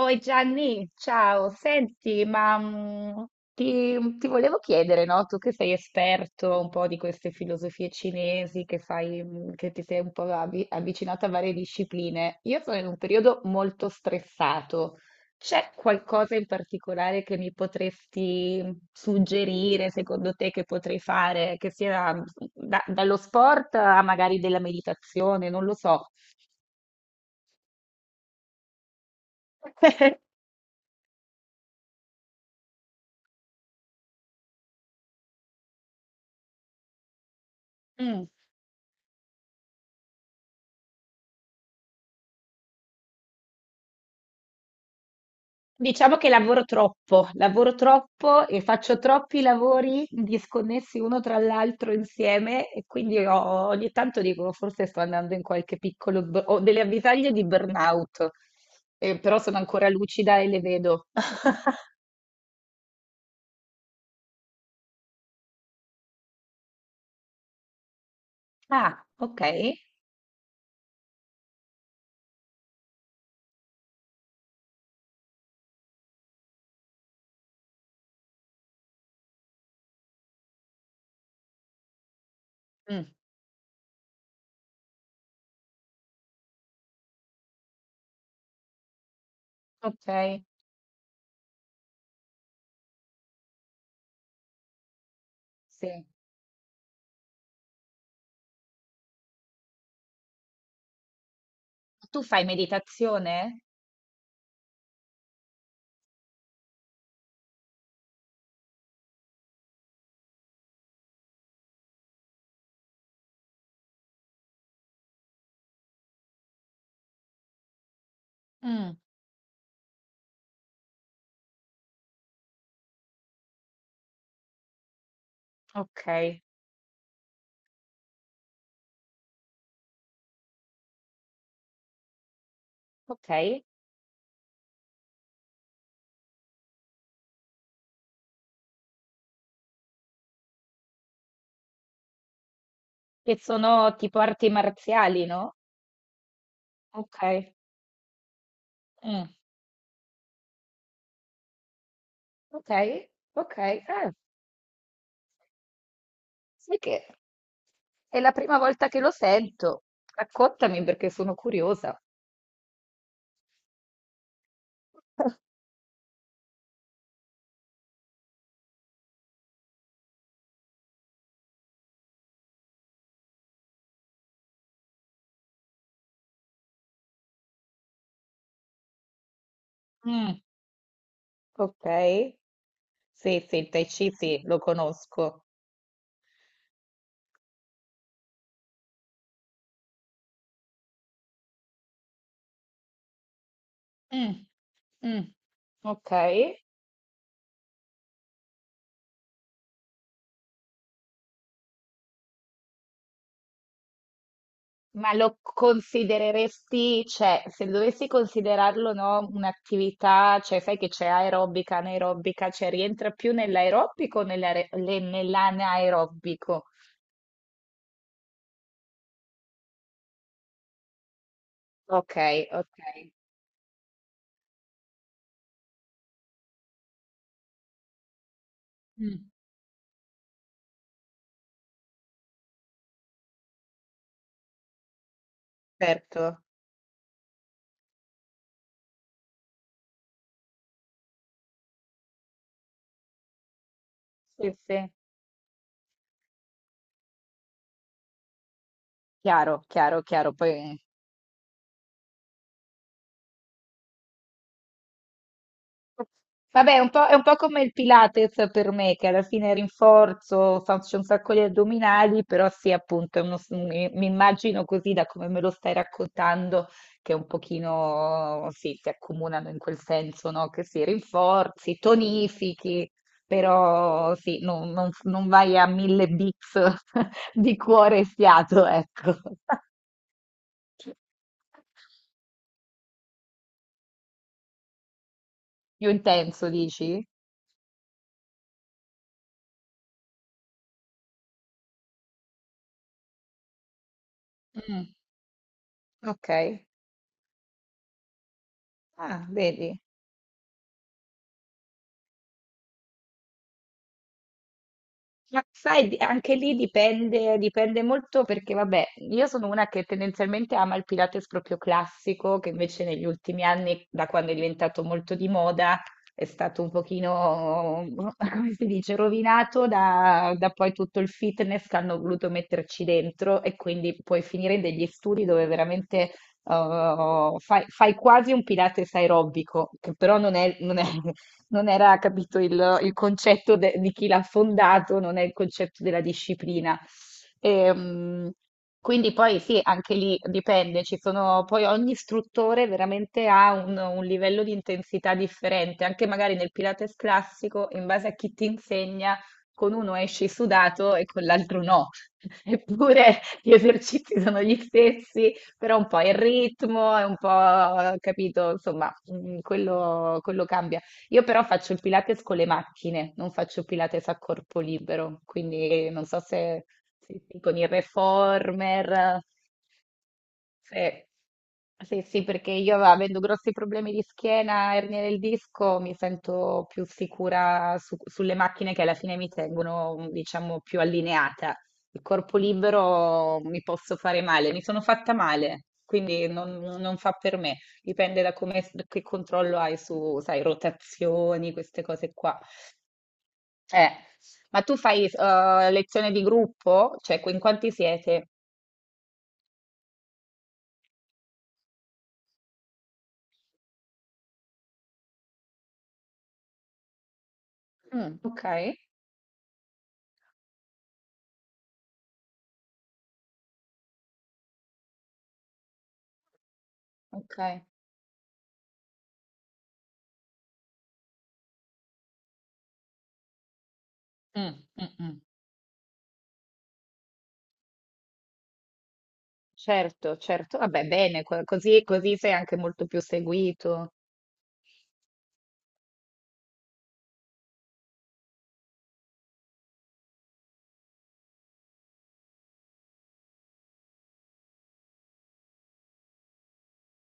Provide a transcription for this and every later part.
Oi Gianni, ciao, senti, ti volevo chiedere, no? Tu che sei esperto un po' di queste filosofie cinesi, che sai, che ti sei un po' avvicinato a varie discipline. Io sono in un periodo molto stressato. C'è qualcosa in particolare che mi potresti suggerire, secondo te, che potrei fare, che sia dallo sport a magari della meditazione, non lo so. Mm. Diciamo che lavoro troppo e faccio troppi lavori disconnessi uno tra l'altro insieme e quindi ogni tanto dico forse sto andando in qualche piccolo, ho delle avvisaglie di burnout, eh, però sono ancora lucida e le vedo. Ah, ok, mm, ok, sì. Tu fai meditazione? Mm, ok, ok, che sono tipo arti marziali, no? Ok, mm, ok. Ok, sai che è la prima volta che lo sento. Raccontami perché sono curiosa. Mm, ok. Sì, sì, il Tai Chi, sì, lo conosco. Mm, mm. Ok. Ma lo considereresti, cioè, se dovessi considerarlo, no, un'attività, cioè, sai che c'è aerobica, anaerobica, cioè, rientra più nell'aerobico o nell'anaerobico? Ok, ok, mm, certo. Sì, sì. Chiaro, chiaro, chiaro. Poi... Vabbè, è un po' come il Pilates per me, che alla fine rinforzo, faccio un sacco di addominali, però sì, appunto, è mi immagino così da come me lo stai raccontando, che un pochino, sì, si accomunano in quel senso, no? Che si rinforzi, tonifichi, però sì, non vai a mille beats di cuore e fiato, ecco. Più intenso, dici? Mm, ok. Ah, vedi, ma sai, anche lì dipende, dipende molto perché, vabbè, io sono una che tendenzialmente ama il Pilates proprio classico, che invece negli ultimi anni, da quando è diventato molto di moda, è stato un pochino, come si dice, rovinato da, da poi tutto il fitness che hanno voluto metterci dentro e quindi puoi finire in degli studi dove veramente... Eh, fai, fai quasi un Pilates aerobico, che però non è, non era capito il concetto di chi l'ha fondato, non è il concetto della disciplina. Ehm, quindi poi sì, anche lì dipende, ci sono, poi ogni istruttore veramente ha un livello di intensità differente, anche magari nel Pilates classico, in base a chi ti insegna, con uno esci sudato e con l'altro no, eppure gli esercizi sono gli stessi, però un po' il ritmo, è un po', capito, insomma, quello cambia. Io però faccio il Pilates con le macchine, non faccio Pilates a corpo libero, quindi non so se, se con il reformer, se, se sì, perché io avendo grossi problemi di schiena, ernia del disco, mi sento più sicura sulle macchine che alla fine mi tengono, diciamo, più allineata. Il corpo libero mi posso fare male, mi sono fatta male, quindi non non fa per me. Dipende da come, che controllo hai su, sai, rotazioni, queste cose qua. Eh, ma tu fai lezione di gruppo? Cioè, in quanti siete? Mm, ok, ok. Mm, mm, mm, certo, certo. Vabbè, bene, così, così sei anche molto più seguito.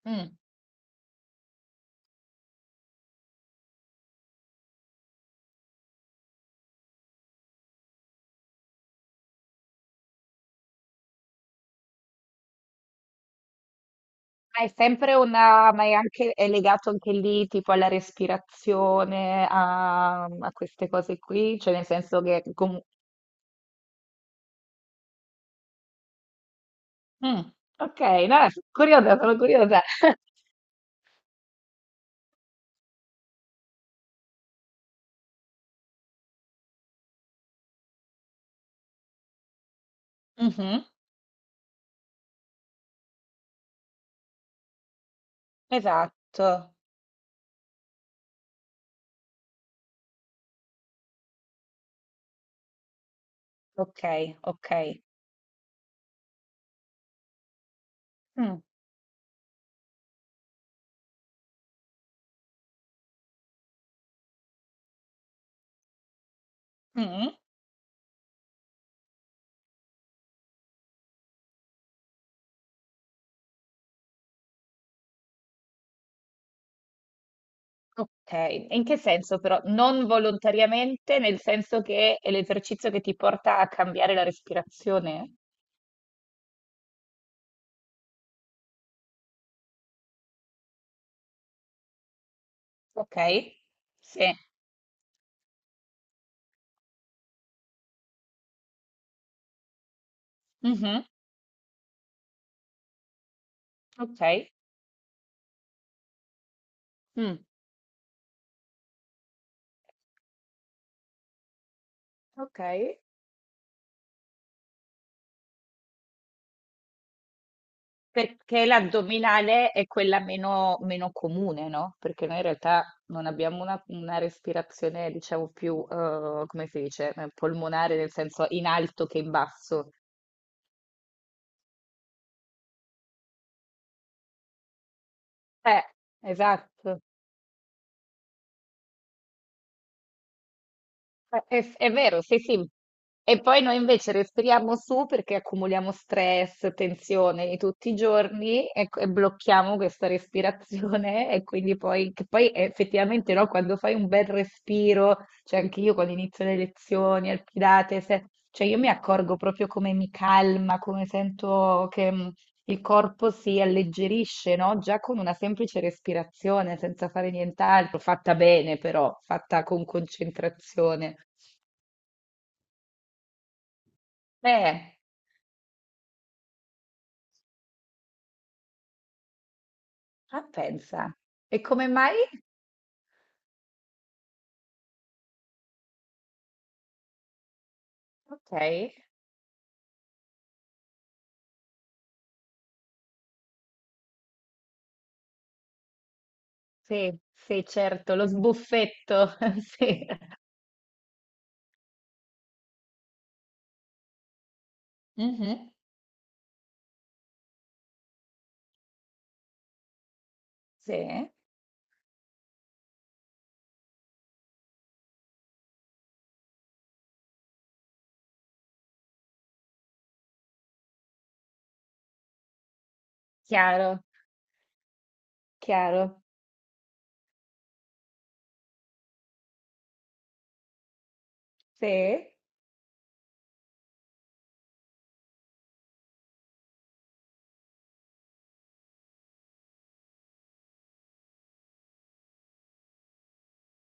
Mm. Ma è sempre una, ma è anche, è legato anche lì, tipo alla respirazione, a, a queste cose qui, cioè nel senso che comunque... Ok, no, sono curiosa, sono curiosa. Mh-mh. Esatto. Okay, okay. Mh, mh, okay. In che senso però? Non volontariamente, nel senso che è l'esercizio che ti porta a cambiare la respirazione? Okay. Sì. Mh-mh. Okay. Mh. Okay. Perché l'addominale è quella meno comune, no, perché noi in realtà non abbiamo una respirazione diciamo più, come si dice, polmonare, nel senso in alto che in basso. Eh, esatto, eh, è vero, sì, sì. E poi noi invece respiriamo su perché accumuliamo stress, tensione di tutti i giorni e blocchiamo questa respirazione e quindi poi, che poi effettivamente no, quando fai un bel respiro, cioè anche io quando inizio le lezioni al Pilates, cioè io mi accorgo proprio come mi calma, come sento che, il corpo si alleggerisce, no? Già con una semplice respirazione, senza fare nient'altro, fatta bene però, fatta con concentrazione. Eh, ah, pensa. E come mai? Ok, sì, sì, certo, lo sbuffetto, sì. Mhm, sì, chiaro, chiaro, sì.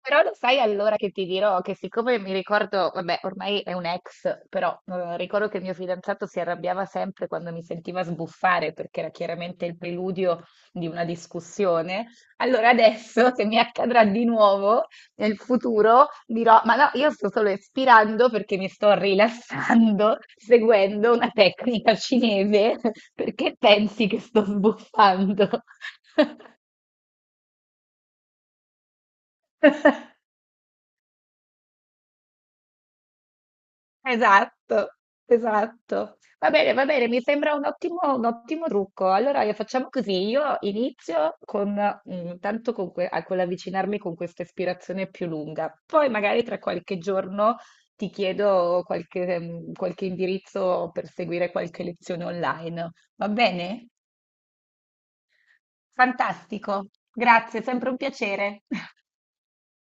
Però lo sai allora che ti dirò che siccome mi ricordo, vabbè, ormai è un ex, però ricordo che il mio fidanzato si arrabbiava sempre quando mi sentiva sbuffare perché era chiaramente il preludio di una discussione. Allora adesso, se mi accadrà di nuovo nel futuro, dirò, ma no, io sto solo espirando perché mi sto rilassando seguendo una tecnica cinese, perché pensi che sto sbuffando? Esatto, esatto. Va bene, mi sembra un ottimo trucco. Allora facciamo così, io inizio con, tanto con, con l'avvicinarmi con questa ispirazione più lunga, poi magari tra qualche giorno ti chiedo qualche, qualche indirizzo per seguire qualche lezione online. Va bene? Fantastico, grazie, sempre un piacere.